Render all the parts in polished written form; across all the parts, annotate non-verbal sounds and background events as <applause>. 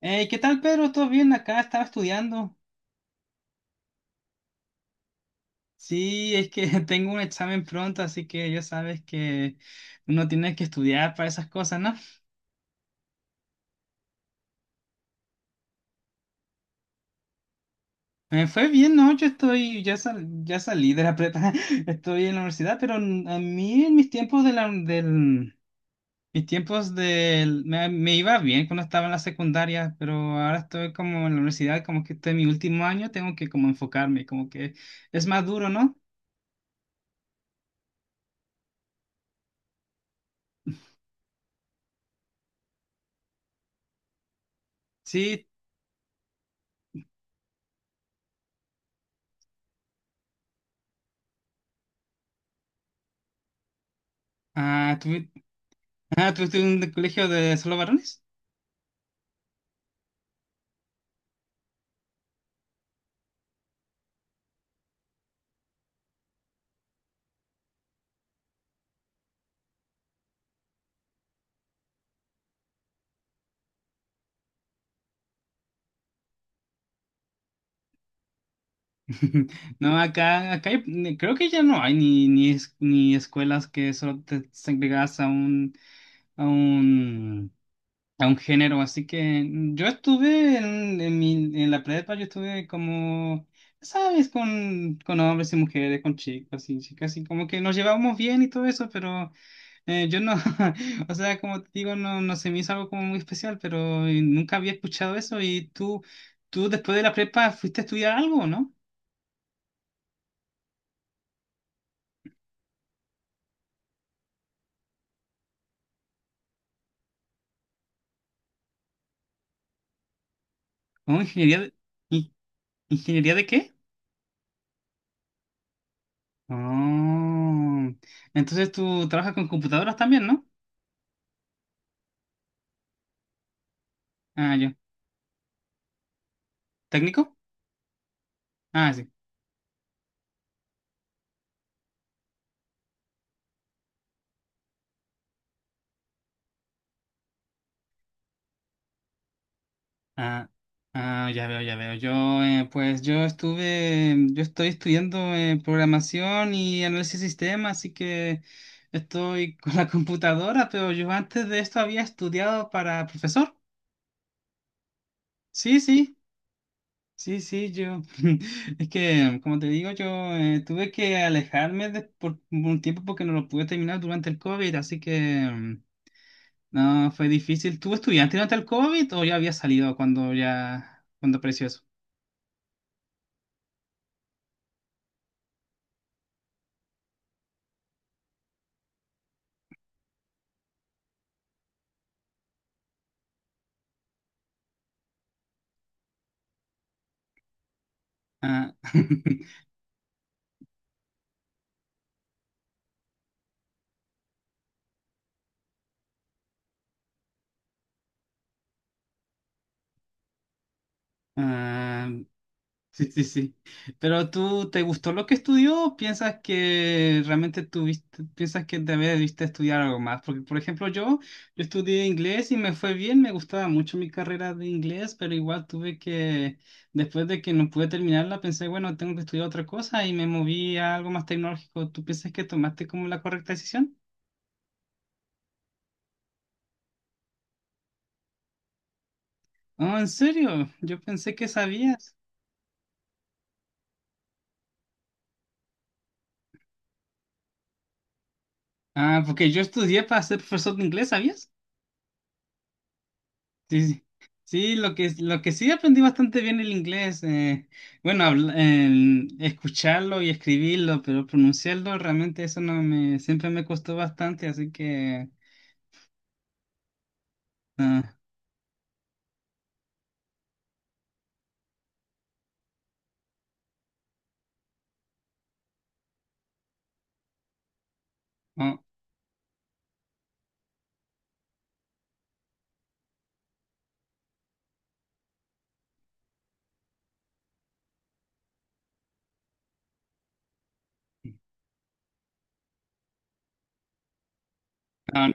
Hey, ¿qué tal, Pedro? ¿Todo bien? Acá estaba estudiando. Sí, es que <laughs> tengo un examen pronto, así que ya sabes que uno tiene que estudiar para esas cosas, ¿no? Me fue bien, ¿no? Yo estoy, ya, ya salí de la prepa, <laughs> estoy en la universidad, pero a mí en mis tiempos mis tiempos me iba bien cuando estaba en la secundaria, pero ahora estoy como en la universidad, como que estoy en mi último año, tengo que como enfocarme, como que es más duro, ¿no? Sí. Ah, ¿tú, Ah, ¿tú estuviste en un colegio de solo varones? <laughs> No, acá creo que ya no hay ni, ni escuelas que solo te segregas a un, a un, a un género. Así que yo estuve en la prepa, yo estuve como, ¿sabes? Con hombres y mujeres, con chicos y chicas, y como que nos llevábamos bien y todo eso, pero yo no, <laughs> o sea, como te digo, no, no se me hizo algo como muy especial, pero nunca había escuchado eso. ¿Y tú después de la prepa fuiste a estudiar algo, no? ¿O ingeniería in- ingeniería de qué? Oh, entonces tú trabajas con computadoras también, ¿no? Ah, yo. ¿Técnico? Ah, sí. Ah, ah, ya veo, ya veo. Yo, pues yo estoy estudiando programación y análisis de sistemas, así que estoy <laughs> con la computadora, pero yo antes de esto había estudiado para profesor. Sí, sí, sí, sí, yo. <laughs> Es que, como te digo, yo tuve que alejarme por un tiempo porque no lo pude terminar durante el COVID, así que mm, no, fue difícil. ¿Tú estudiaste durante el COVID o ya había salido cuando apareció eso? Ah. <laughs> Ah, sí, sí, sí. Pero tú, ¿te gustó lo que estudió o piensas que realmente piensas que también debiste estudiar algo más? Porque, por ejemplo, yo estudié inglés y me fue bien, me gustaba mucho mi carrera de inglés, pero igual tuve que, después de que no pude terminarla, pensé, bueno, tengo que estudiar otra cosa y me moví a algo más tecnológico. ¿Tú piensas que tomaste como la correcta decisión? Oh, ¿en serio? Yo pensé que sabías. Ah, porque yo estudié para ser profesor de inglés, ¿sabías? Sí, sí, sí, lo que sí aprendí bastante bien el inglés, bueno, en escucharlo y escribirlo, pero pronunciarlo realmente eso no me, siempre me costó bastante, así que ah, no, no, no.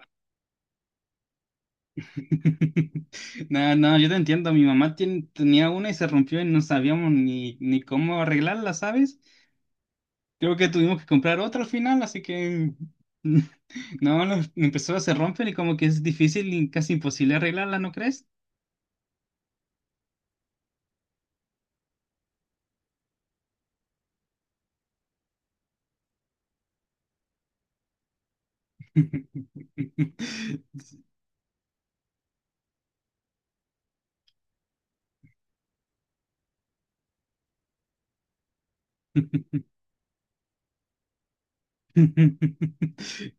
<laughs> No, no, yo te entiendo, mi mamá tenía una y se rompió y no sabíamos ni cómo arreglarla, ¿sabes? Creo que tuvimos que comprar otra al final, así que <laughs> no, no, empezó a se romper y como que es difícil y casi imposible arreglarla, ¿no crees? <laughs>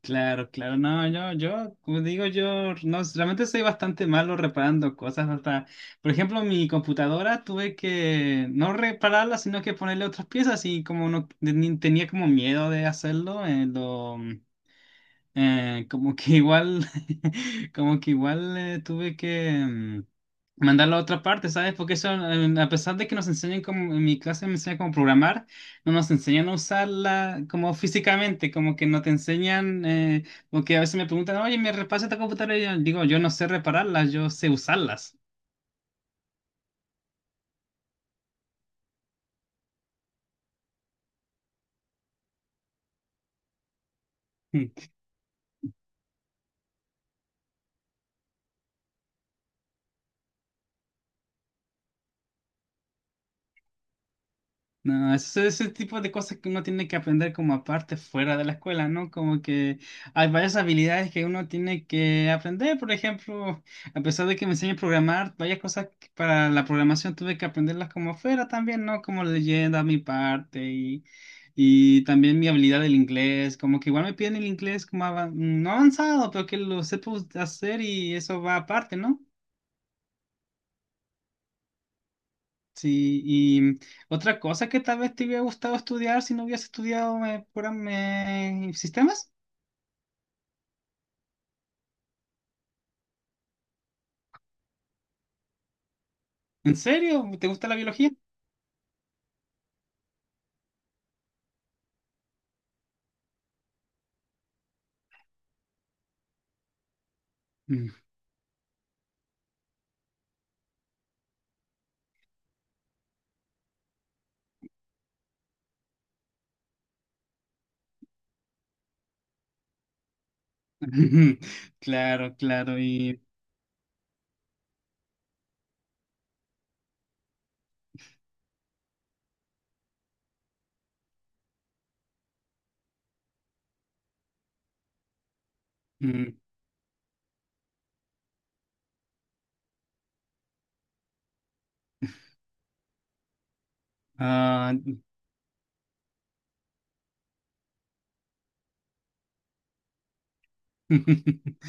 Claro, claro, no, como digo, yo, no, realmente soy bastante malo reparando cosas, hasta, por ejemplo, mi computadora tuve que no repararla, sino que ponerle otras piezas y como no tenía como miedo de hacerlo, eh, como que igual, <laughs> como que igual tuve que, mandarlo a otra parte, ¿sabes? Porque eso, a pesar de que nos enseñen en mi clase me enseñan cómo programar, no nos enseñan a usarla como físicamente, como que no te enseñan, porque a veces me preguntan, oye, ¿me repasa esta computadora? Y yo digo, yo no sé repararlas, yo sé usarlas. No, eso es ese tipo de cosas que uno tiene que aprender como aparte fuera de la escuela, ¿no? Como que hay varias habilidades que uno tiene que aprender, por ejemplo, a pesar de que me enseñen a programar, varias cosas que para la programación tuve que aprenderlas como fuera también, ¿no? Como leyenda, a mi parte y también mi habilidad del inglés, como que igual me piden el inglés como no avanzado, pero que lo sepa hacer y eso va aparte, ¿no? Sí, y otra cosa que tal vez te hubiera gustado estudiar si no hubieras estudiado me sistemas. ¿En serio? ¿Te gusta la biología? Mm. <laughs> Claro, claro, y... mm, ah, <laughs>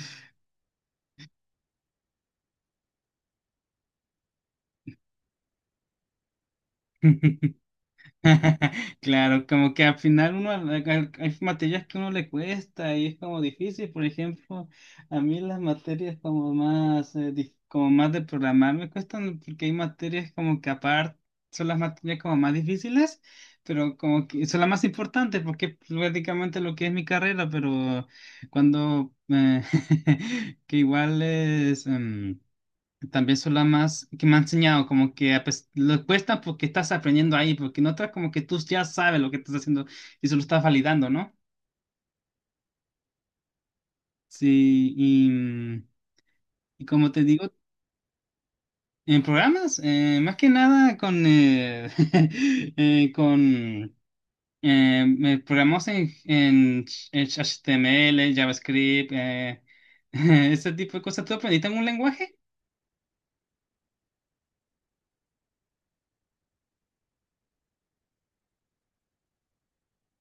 <laughs> Claro, como que al final uno hay materias que uno le cuesta y es como difícil. Por ejemplo, a mí las materias como más como más de programar me cuestan porque hay materias como que aparte son las materias como más difíciles, pero como que son las más importantes porque es prácticamente lo que es mi carrera, pero cuando <laughs> que igual es también son las más que me han enseñado, como que ah, pues, lo cuesta porque estás aprendiendo ahí, porque en otras como que tú ya sabes lo que estás haciendo y solo estás validando, ¿no? Sí, y como te digo, en programas, más que nada <laughs> con me programamos en HTML, JavaScript, <laughs> ese tipo de cosas. ¿Tú aprendiste algún lenguaje?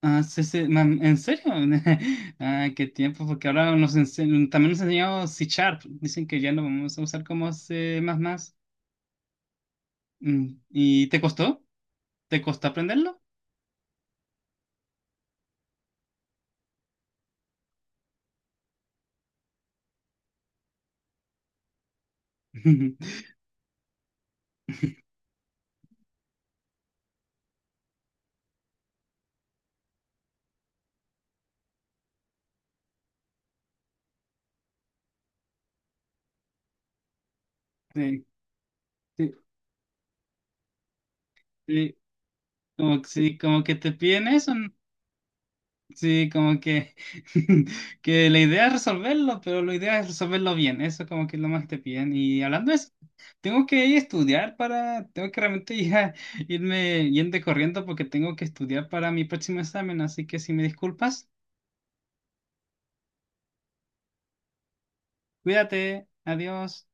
Ah, sí, sí, ¿en serio? <laughs> Ah, qué tiempo, porque ahora también nos enseñó C Sharp. Dicen que ya lo vamos a usar como C++. ¿Y te costó? ¿Te costó aprenderlo? <laughs> Sí, sí, sí, sí, como que te piden eso. Sí, <laughs> que la idea es resolverlo, pero la idea es resolverlo bien. Eso como que es lo más que te piden. Y hablando de eso, tengo que ir a estudiar para, tengo que realmente <laughs> ya irme yendo corriendo porque tengo que estudiar para mi próximo examen. Así que si me disculpas, cuídate, adiós.